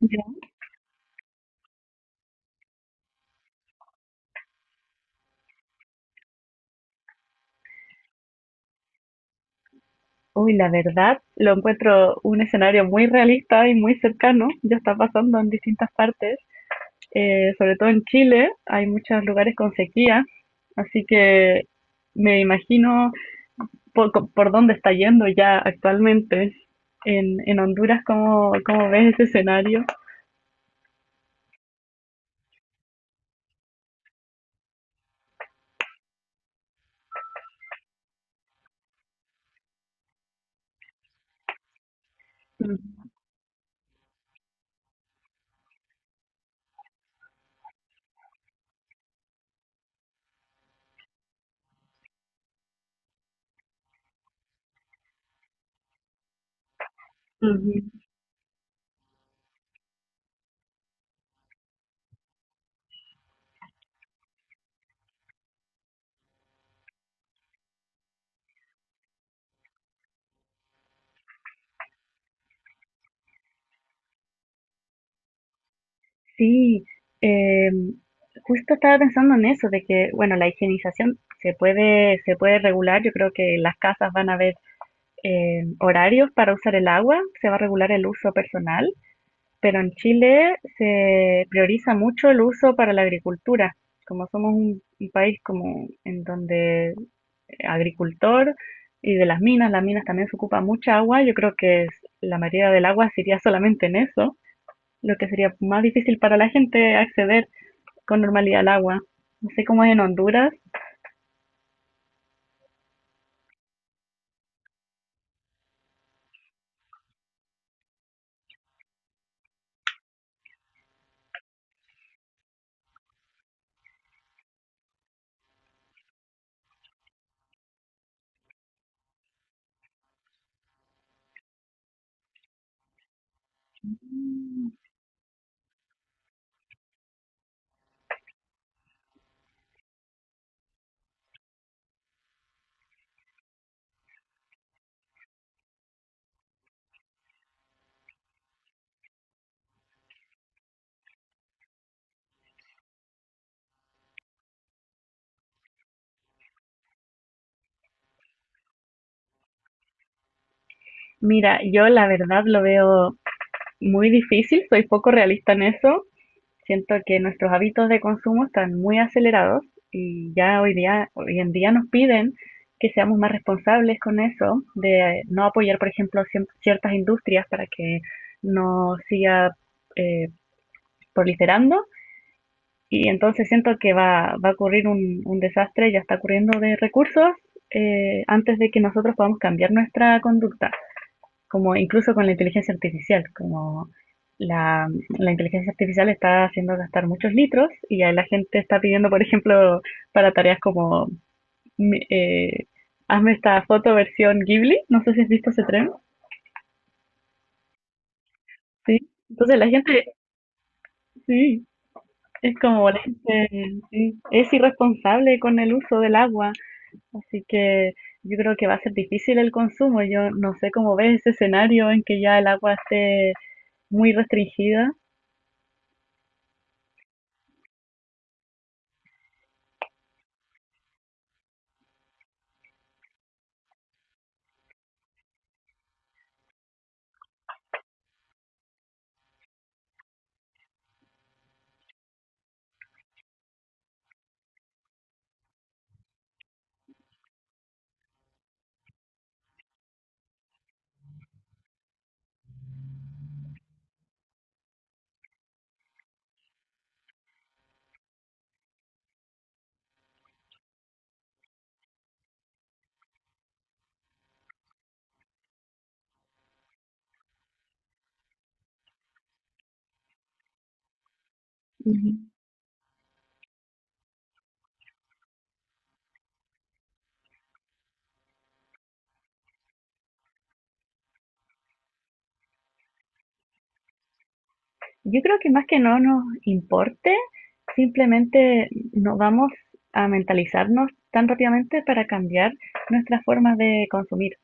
Ya. Uy, la verdad, lo encuentro un escenario muy realista y muy cercano. Ya está pasando en distintas partes, sobre todo en Chile. Hay muchos lugares con sequía, así que me imagino por dónde está yendo ya actualmente. En Honduras, ¿cómo, cómo ves ese escenario? Ujú, ujú. Sí, eh, justo estaba pensando en eso, de que, bueno, la higienización se puede regular. Yo creo que las casas van a ver horarios para usar el agua, se va a regular el uso personal, pero en Chile se prioriza mucho el uso para la agricultura. Como somos un país como en donde agricultor y de las minas también se ocupa mucha agua, yo creo que la mayoría del agua se iría solamente en eso, lo que sería más difícil para la gente acceder con normalidad al agua. No sé cómo es en Honduras. Mira, yo la verdad lo veo muy difícil, soy poco realista en eso. Siento que nuestros hábitos de consumo están muy acelerados y ya hoy día, hoy en día nos piden que seamos más responsables con eso, de no apoyar, por ejemplo, ciertas industrias para que no siga eh, proliferando. Y entonces siento que va a ocurrir un desastre, ya está ocurriendo de recursos, antes de que nosotros podamos cambiar nuestra conducta como incluso con la inteligencia artificial, como la, la inteligencia artificial está haciendo gastar muchos litros y ya la gente está pidiendo, por ejemplo, para tareas como mi- eh, hazme esta foto versión Ghibli, no sé si has visto ese tren, sí. Entonces la gente, sí, es como la gente sí, es irresponsable con el uso del agua, así que yo creo que va a ser difícil el consumo. Yo no sé cómo ves ese escenario en que ya el agua esté muy restringida. Yo creo que más que no nos importe, simplemente no vamos a mentalizarnos tan rápidamente para cambiar nuestras formas de consumir.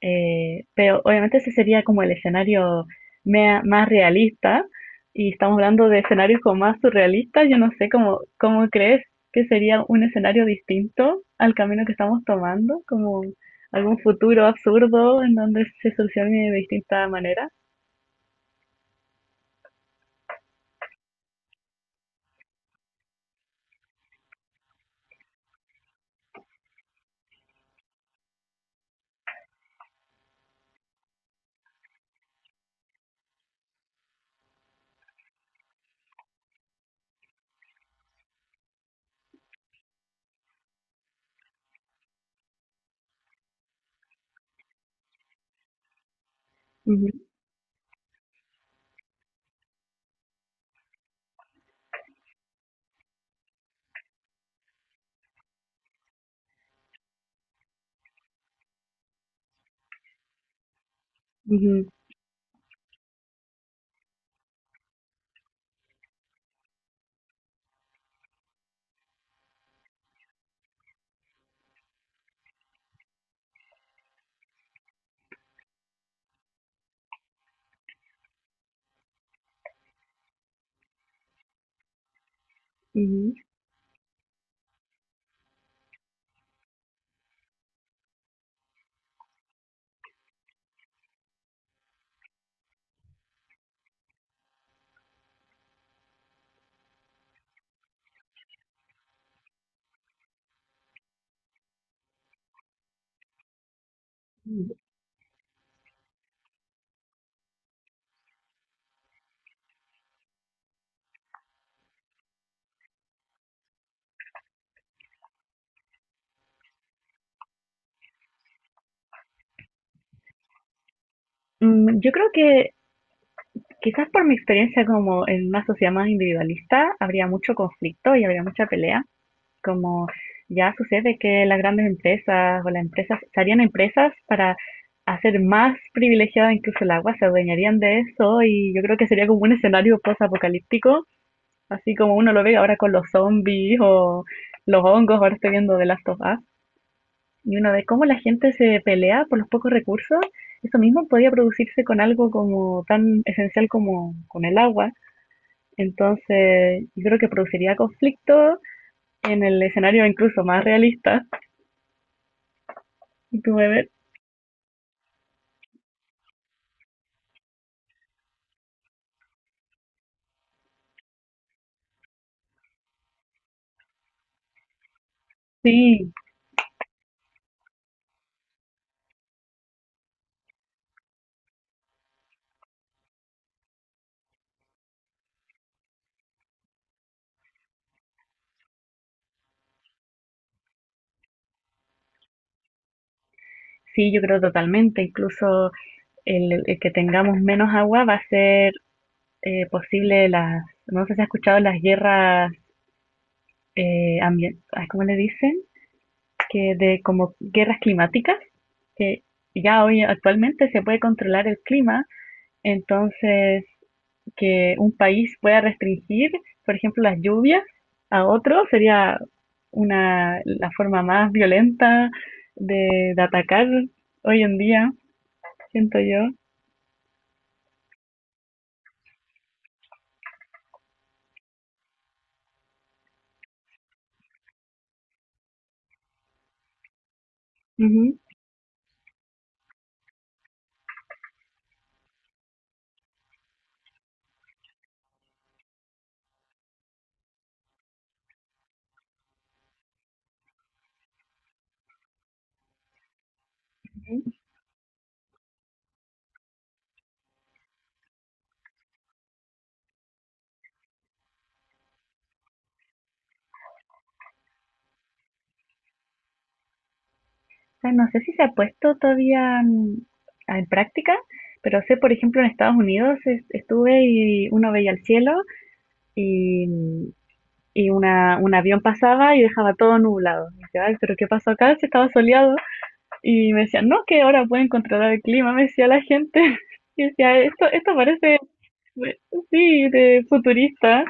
Pero obviamente ese sería como el escenario más realista y estamos hablando de escenarios como más surrealistas. Yo no sé cómo, cómo crees que sería un escenario distinto al camino que estamos tomando, como algún futuro absurdo en donde se solucione de distinta manera. Ujú, ujú, ujú. Mm, yo creo que quizás por mi experiencia como en una sociedad más individualista habría mucho conflicto y habría mucha pelea, como ya sucede que las grandes empresas o las empresas se harían empresas para hacer más privilegiada incluso el agua, se adueñarían de eso y yo creo que sería como un escenario post-apocalíptico, así como uno lo ve ahora con los zombies o los hongos, ahora estoy viendo The Last of Us. Y uno ve cómo la gente se pelea por los pocos recursos. Eso mismo podía producirse con algo como tan esencial como con el agua. Entonces, yo creo que produciría conflicto en el escenario incluso más realista. ¿Y ¿tú me ves? Sí, sí, yo creo totalmente. Incluso el que tengamos menos agua va a ser posible las, no sé si has escuchado las guerras ambientales, ¿cómo le dicen? Que de como guerras climáticas, que ya hoy actualmente se puede controlar el clima, entonces que un país pueda restringir, por ejemplo, las lluvias a otro sería una, la forma más violenta de atacar hoy en día, siento yo. Ujú. Ujú. O sea, no sé si se ha puesto todavía en práctica, pero sé, por ejemplo, en Estados Unidos estuve y uno veía el cielo y y una, un avión pasaba y dejaba todo nublado. Y decía, ay, pero ¿qué pasó acá? Si estaba soleado. Y me decían, no, que ahora pueden controlar el clima, me decía la gente. Y decía, esto parece, sí, de futurista.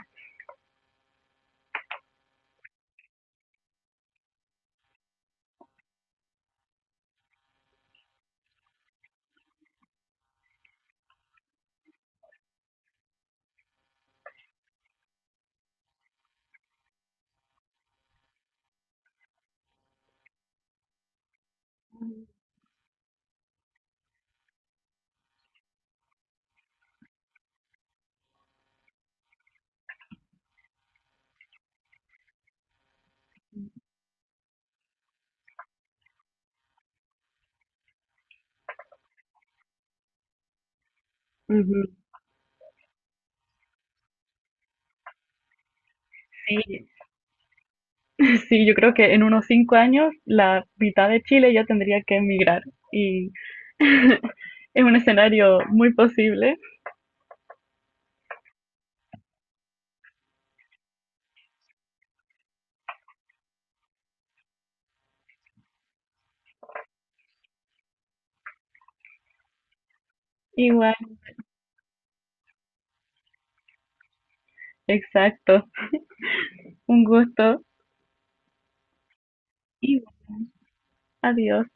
Ujú. Sí, sí, yo creo que en unos 5 años la mitad de Chile ya tendría que emigrar y es un escenario muy posible. Igual, exacto. Un gusto. Igual, adiós.